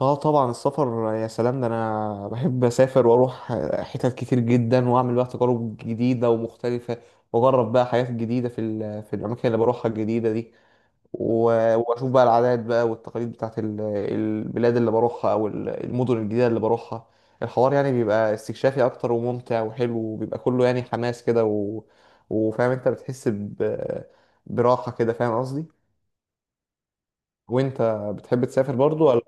اه، طبعا السفر يا سلام! ده انا بحب اسافر واروح حتت كتير جدا، واعمل بقى تجارب جديده ومختلفه، واجرب بقى حاجات جديده في الاماكن اللي بروحها الجديده دي. واشوف بقى العادات بقى والتقاليد بتاعت البلاد اللي بروحها، او المدن الجديده اللي بروحها. الحوار يعني بيبقى استكشافي اكتر وممتع وحلو، وبيبقى كله يعني حماس كده، و... وفاهم انت بتحس ب... براحه كده، فاهم قصدي؟ وانت، بتحب تسافر برضو ولا؟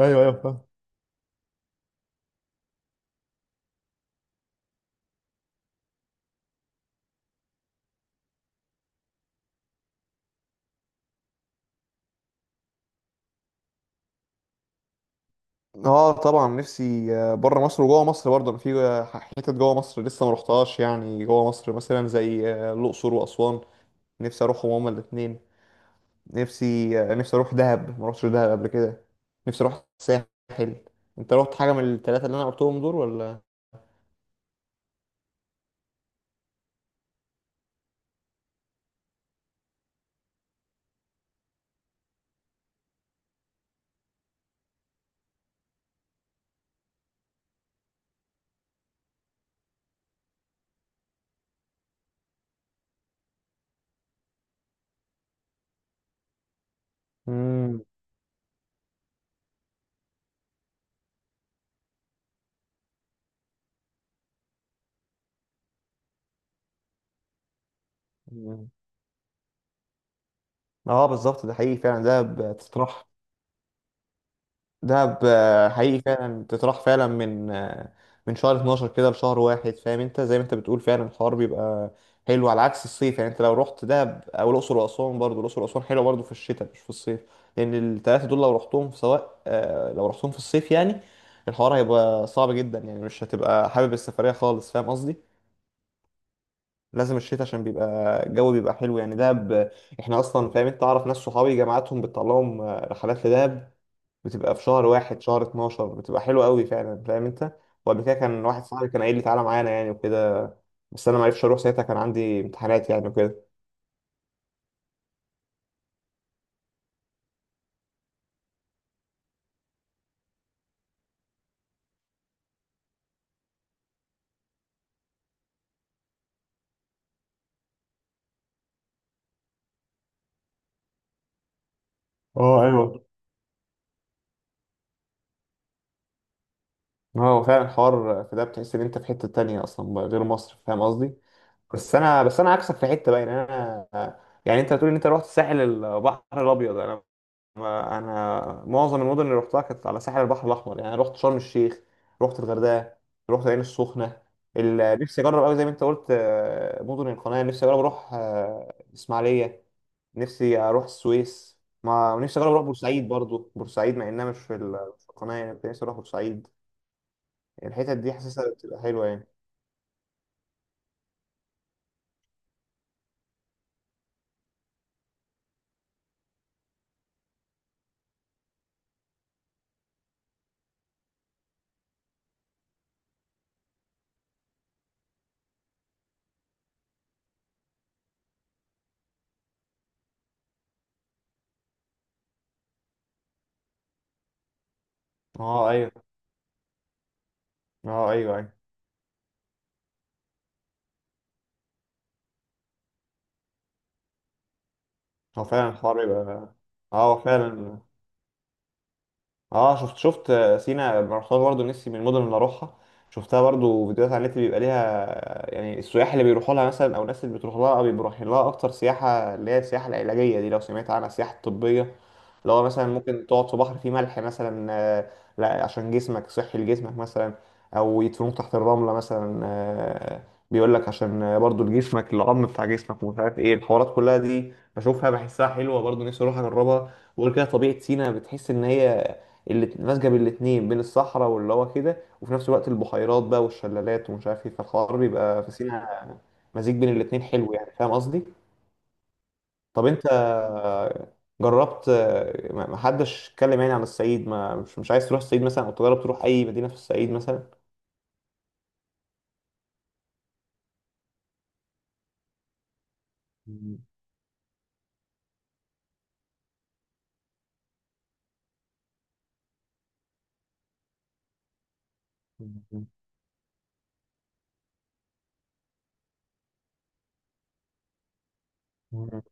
ايوه، ايوه، فاهم. اه طبعا، نفسي بره مصر وجوه مصر برضه، انا في حتت جوه مصر لسه ما رحتهاش، يعني جوه مصر مثلا زي الاقصر واسوان، نفسي اروحهم هما الاثنين. نفسي اروح دهب، ما رحتش دهب قبل كده، نفسي اروح الساحل. انت رحت حاجه من الثلاثه اللي انا قلتهم دول ولا؟ امم. اه، بالظبط، ده حقيقي فعلا، دهب تتراح. دهب حقيقي فعلا تتراح فعلا من شهر 12 كده لشهر واحد، فاهم انت؟ زي ما انت بتقول فعلا الحوار بيبقى حلو، على عكس الصيف. يعني انت لو رحت دهب او الاقصر واسوان، برضو الاقصر واسوان حلوه برضو في الشتاء مش في الصيف. لان الثلاثه دول لو رحتهم في سواء، لو رحتهم في الصيف، يعني الحوار هيبقى صعب جدا، يعني مش هتبقى حابب السفريه خالص، فاهم قصدي؟ لازم الشتاء عشان بيبقى الجو بيبقى حلو، يعني دهب، احنا اصلا فاهم انت؟ اعرف ناس صحابي جامعاتهم بتطلعهم رحلات لدهب، بتبقى في شهر واحد، شهر 12 بتبقى حلوة قوي فعلا، فاهم انت؟ وقبل كده كان واحد صاحبي كان قايل لي تعالى معانا يعني وكده، بس انا ما عرفتش اروح ساعتها، كان عندي امتحانات يعني وكده. اه ايوه. هو فعلا حوار، في ده بتحس ان انت في حتة تانية اصلا غير مصر، فاهم قصدي؟ بس انا عكسك في حتة بقى، يعني انا، يعني انت بتقول ان انت رحت الساحل البحر الابيض، انا، ما انا معظم المدن اللي رحتها كانت على ساحل البحر الاحمر، يعني رحت شرم الشيخ، رحت الغردقه، رحت العين السخنه. نفسي اجرب قوي زي ما انت قلت، مدن القناه، نفسي اجرب اروح اسماعيليه، نفسي اروح السويس، ما نفسي اجرب اروح بورسعيد برضو، بورسعيد مع انها مش مش في القناه، يعني كنت نفسي اروح بورسعيد. الحتت دي حاسسها بتبقى حلوه يعني. اه ايوه. اه، ايوه، ايوه، هو فعلا الحوار يبقى... اه هو فعلا. اه، شفت سينا، أنا رحتها برضه، نفسي من المدن اللي اروحها. شفتها برضه فيديوهات على النت، بيبقى ليها يعني السياح اللي بيروحوا لها مثلا، او الناس اللي بتروح لها بيبقوا رايحين لها اكتر سياحه، اللي هي السياحه العلاجيه دي، لو سمعت عنها، السياحه الطبيه، اللي هو مثلا ممكن تقعد في بحر فيه ملح مثلا، لا عشان جسمك، صحي لجسمك مثلا، او يدفنوك تحت الرمله مثلا، بيقول لك عشان برضه لجسمك، العظم بتاع جسمك ومش عارف ايه، الحوارات كلها دي بشوفها بحسها حلوة، برضه نفسي اروح اجربها. وغير كده طبيعة سينا، بتحس ان هي اللي ماسكه بالاتنين، بين الصحراء واللي هو كده، وفي نفس الوقت البحيرات بقى والشلالات ومش عارف ايه، فالحوار بيبقى في سينا مزيج بين الاتنين، حلو يعني، فاهم قصدي؟ طب انت، جربت... ما حدش اتكلم يعني عن الصعيد، ما مش عايز تروح الصعيد مثلا، او تجرب تروح اي مدينه في الصعيد مثلا؟ مم.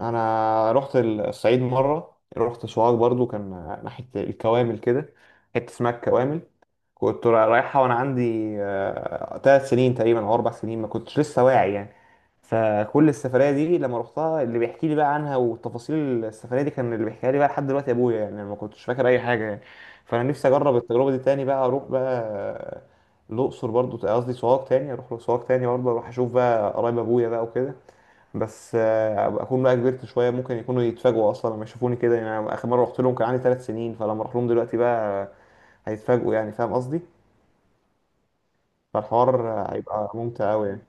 انا رحت الصعيد مره، رحت سوهاج برضو، كان ناحيه الكوامل كده، حته اسمها الكوامل، كنت رايحه وانا عندي 3 سنين تقريبا او 4 سنين، ما كنتش لسه واعي يعني. فكل السفريه دي لما رحتها، اللي بيحكي لي بقى عنها وتفاصيل السفريه دي كان اللي بيحكيها لي بقى لحد دلوقتي ابويا، يعني أنا ما كنتش فاكر اي حاجه يعني. فانا نفسي اجرب التجربه دي تاني، بقى اروح بقى الاقصر، برضو قصدي سوهاج، تاني اروح سوهاج تاني، برضو اروح اشوف بقى قرايب ابويا بقى وكده. بس أبقى اكون بقى كبرت شويه، ممكن يكونوا يتفاجئوا اصلا لما يشوفوني كده، يعني أنا اخر مره رحت لهم كان عندي 3 سنين، فلما اروح لهم دلوقتي بقى هيتفاجئوا يعني، فاهم قصدي؟ فالحوار هيبقى ممتع قوي يعني.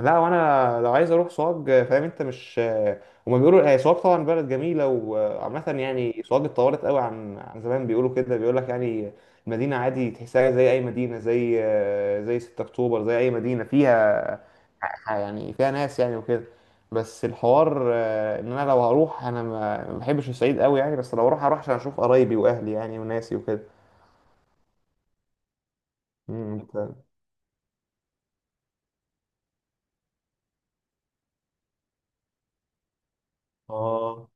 لا، وانا لو عايز اروح سوهاج، فاهم انت؟ مش هما بيقولوا هي سوهاج طبعا بلد جميله وعامه، يعني سوهاج اتطورت قوي عن زمان، بيقولوا كده، بيقول لك يعني المدينه عادي، تحسها زي اي مدينه، زي زي 6 اكتوبر، زي اي مدينه فيها يعني فيها ناس يعني وكده. بس الحوار ان انا لو هروح انا ما بحبش الصعيد قوي يعني، بس لو اروح هروح عشان اشوف قرايبي واهلي يعني وناسي وكده. امم. اه،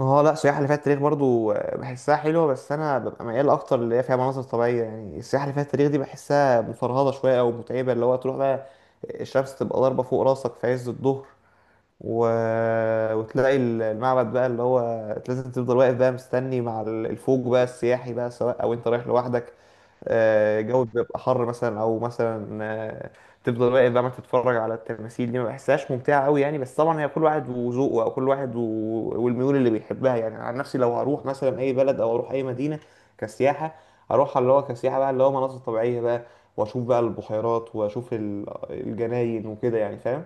اه. لا، السياحه اللي فيها التاريخ برضو بحسها حلوه، بس انا ببقى ميال اكتر اللي هي فيها مناظر طبيعيه، يعني السياحه اللي فيها التاريخ دي بحسها مفرهده شويه او متعبه، اللي هو تروح بقى الشمس تبقى ضاربه فوق راسك في عز الظهر، و... وتلاقي المعبد بقى اللي هو لازم تفضل واقف بقى مستني مع الفوج بقى السياحي بقى، سواء او انت رايح لوحدك، الجو بيبقى حر مثلا، او مثلا تفضل واقف بقى ما تتفرج على التماثيل دي، ما بحسهاش ممتعه قوي يعني، بس طبعا هي كل واحد وذوقه، او كل واحد و... والميول اللي بيحبها يعني. عن نفسي لو هروح مثلا اي بلد او اروح اي مدينه كسياحه، اروح اللي هو كسياحه بقى اللي هو مناظر طبيعيه بقى، واشوف بقى البحيرات واشوف الجناين وكده يعني، فاهم؟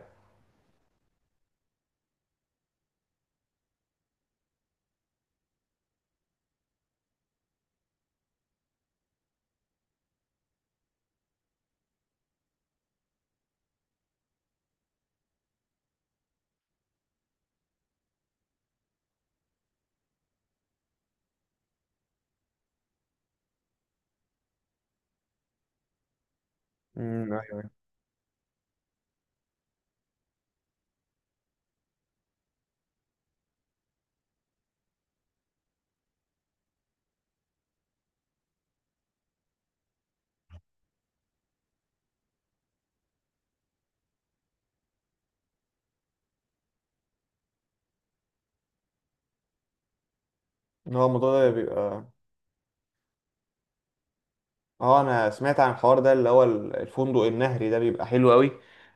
مم، هو الموضوع ده بيبقى... اه انا سمعت عن الحوار ده، اللي هو الفندق النهري ده بيبقى حلو قوي،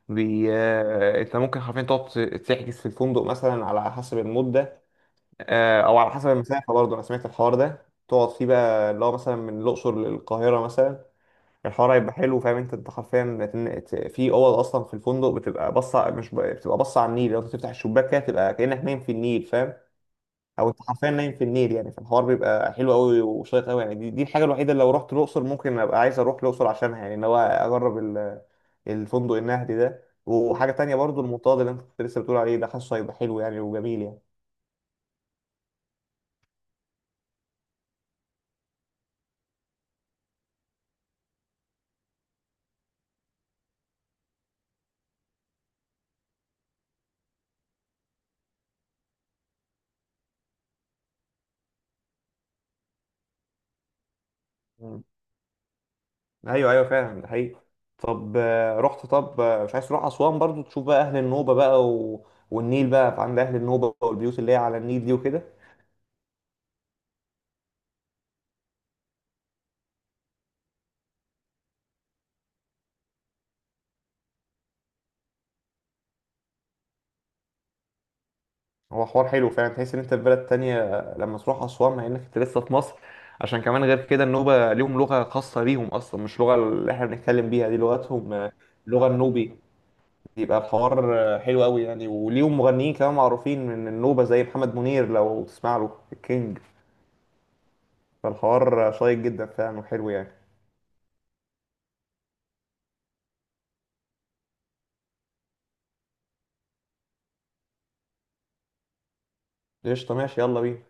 بي... انت ممكن حرفيا تقعد تحجز في الفندق مثلا على حسب المدة، او على حسب المسافة برضه، انا سمعت الحوار ده تقعد فيه بقى، اللي هو مثلا من الاقصر للقاهرة مثلا. الحوار هيبقى حلو، فاهم انت حرفيا في اوض اصلا في الفندق بتبقى باصه، مش بتبقى باصه على النيل، لو انت تفتح الشباك كده تبقى كأنك نايم في النيل، فاهم؟ او انت حرفيا نايم في النيل يعني، فالحوار بيبقى حلو قوي وشيق قوي يعني، دي الحاجه الوحيده اللي لو رحت الاقصر ممكن ابقى عايز اروح الاقصر عشانها، يعني ان هو اجرب الفندق النهدي ده، وحاجه تانية برضو المنطاد اللي انت كنت لسه بتقول عليه ده، حاسه هيبقى حلو يعني وجميل يعني. مم. ايوه، ايوه، فعلا ده حقيقي. طب آه، رحت طب آه، مش عايز تروح اسوان برضو، تشوف بقى اهل النوبه بقى و... والنيل بقى، فعند اهل النوبه والبيوت اللي هي على النيل دي وكده. هو حوار حلو فعلا، تحس ان انت في بلد تانية لما تروح اسوان، مع انك انت لسه في مصر. عشان كمان غير كده النوبة ليهم لغة خاصة بيهم اصلا، مش لغة اللي احنا بنتكلم بيها، دي لغتهم، لغة النوبي. يبقى الحوار حلو قوي يعني، وليهم مغنيين كمان معروفين من النوبة زي محمد منير، لو تسمع له، الكينج. فالحوار شيق جدا فعلا وحلو يعني. قشطة، ماشي، يلا بينا.